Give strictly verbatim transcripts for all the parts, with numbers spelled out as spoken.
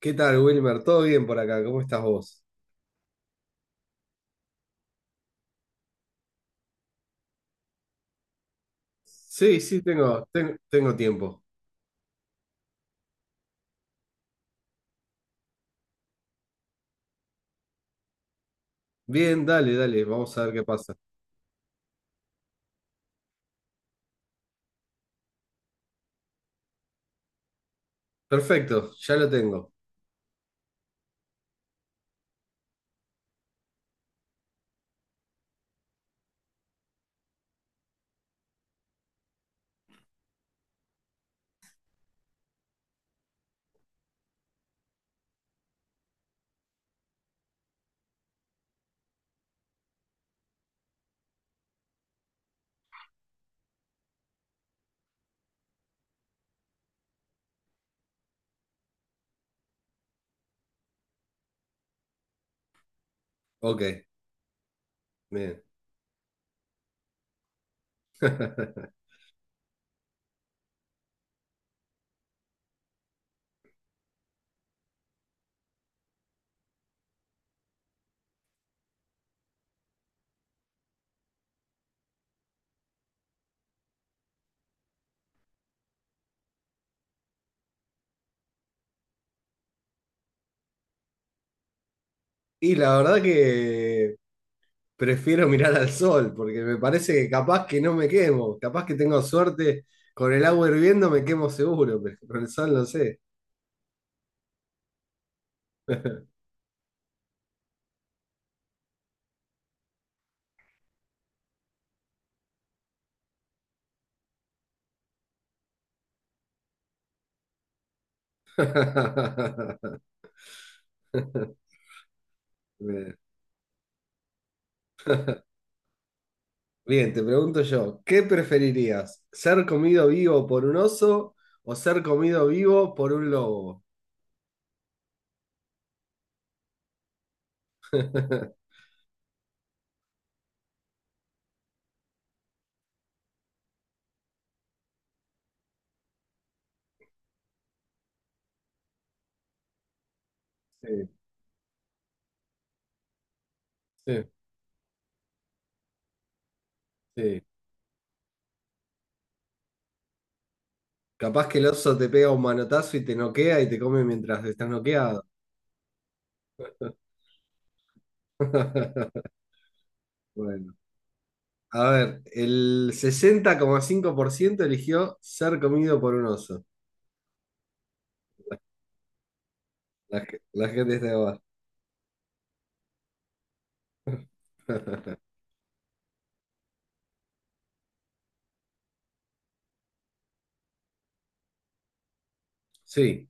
¿Qué tal, Wilmer? ¿Todo bien por acá? ¿Cómo estás vos? Sí, sí, tengo, ten- tengo tiempo. Bien, dale, dale, vamos a ver qué pasa. Perfecto, ya lo tengo. Ok, bien. Y la verdad que prefiero mirar al sol, porque me parece que capaz que no me quemo, capaz que tengo suerte, con el agua hirviendo me quemo seguro, pero con el sol no sé. Bien. Bien, te pregunto yo, ¿qué preferirías? ¿Ser comido vivo por un oso o ser comido vivo por un lobo? Sí, sí, sí. Capaz que el oso te pega un manotazo y te noquea y te come mientras estás noqueado. Bueno, a ver, el sesenta coma cinco por ciento eligió ser comido por un oso. La, ge- la gente está de abajo. Sí.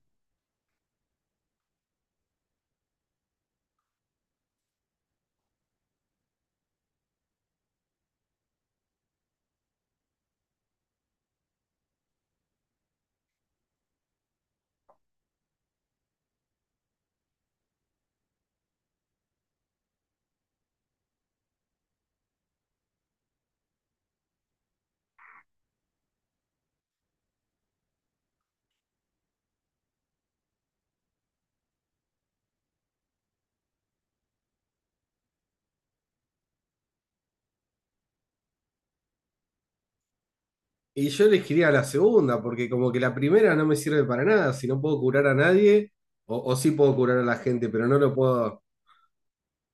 Y yo elegiría la segunda, porque como que la primera no me sirve para nada. Si no puedo curar a nadie, o, o sí puedo curar a la gente, pero no lo puedo,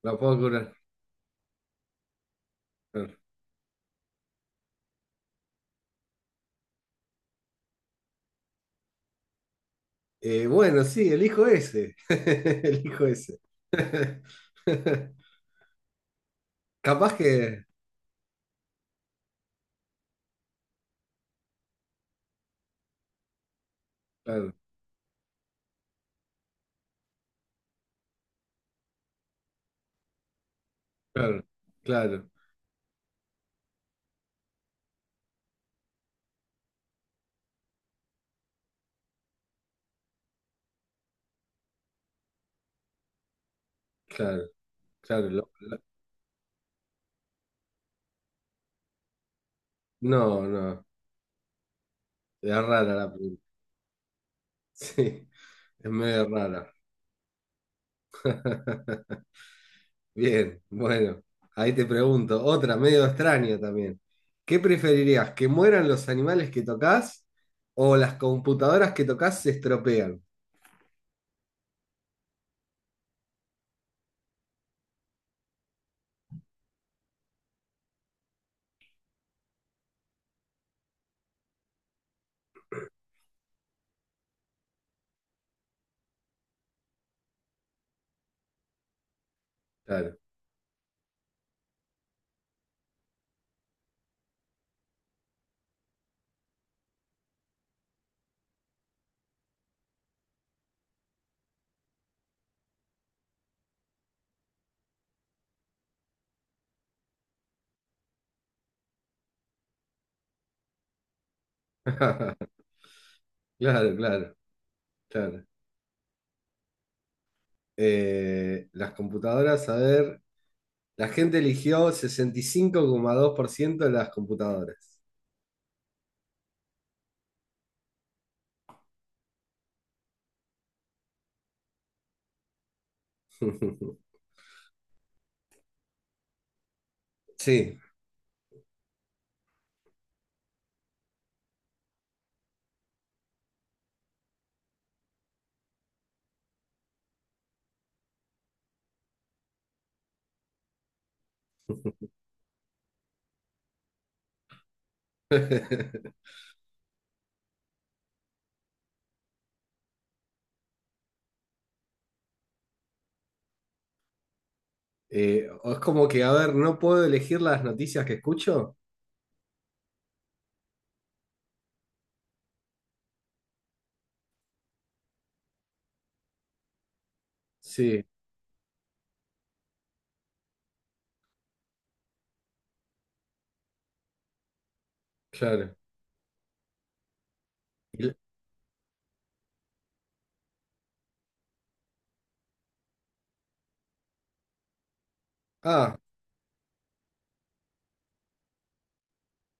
la puedo curar. Eh, bueno, sí, elijo ese. Elijo ese. Capaz que. Claro, claro, claro, claro, claro. lo- lo- no, no. Es rara la pregunta. Sí, es medio rara. Bien, bueno, ahí te pregunto, otra medio extraña también. ¿Qué preferirías, que mueran los animales que tocas o las computadoras que tocas se estropean? Claro, claro, claro, claro. Eh, las computadoras, a ver, la gente eligió sesenta y cinco coma dos por ciento de las computadoras. Sí, Eh, o es como que, a ver, no puedo elegir las noticias que escucho. Sí, claro. Y- Ah,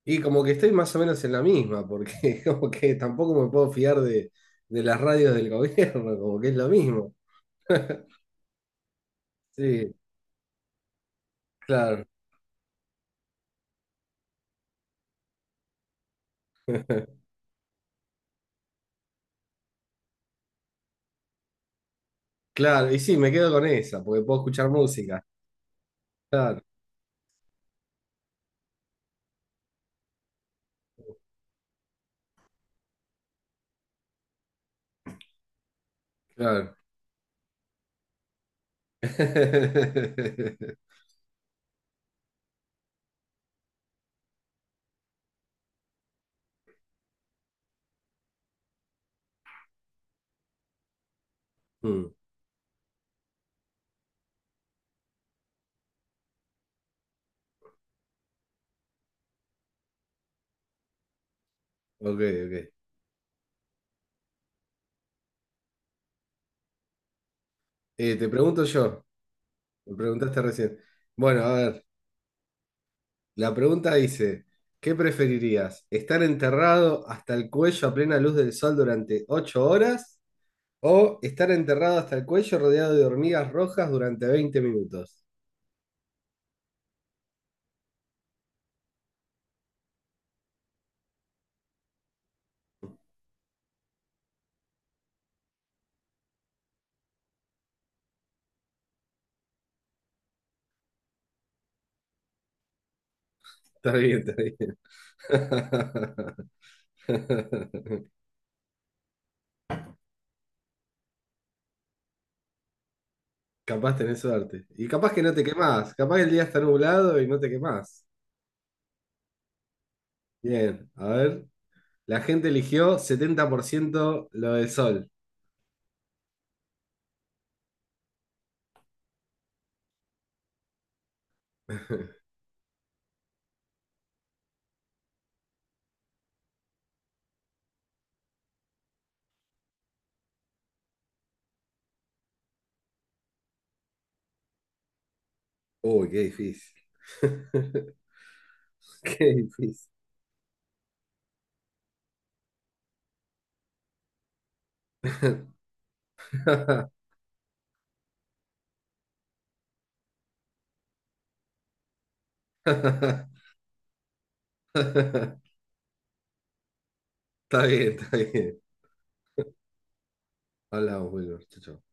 y como que estoy más o menos en la misma, porque como que tampoco me puedo fiar de, de las radios del gobierno, como que es lo mismo. Sí, claro, claro. Y sí, me quedo con esa, porque puedo escuchar música. Claro, claro. Mm, ok, ok. Eh, te pregunto yo, me preguntaste recién. Bueno, a ver, la pregunta dice, ¿qué preferirías? ¿Estar enterrado hasta el cuello a plena luz del sol durante ocho horas? O estar enterrado hasta el cuello rodeado de hormigas rojas durante veinte minutos. Está bien, está bien. Capaz tenés suerte. Y capaz que no te quemás. Capaz el día está nublado y no te quemás. Bien, a ver. La gente eligió setenta por ciento lo del sol. Uy, qué difícil. Qué difícil. Está bien, está bien. Hablamos, Wilmer. Chau, chau.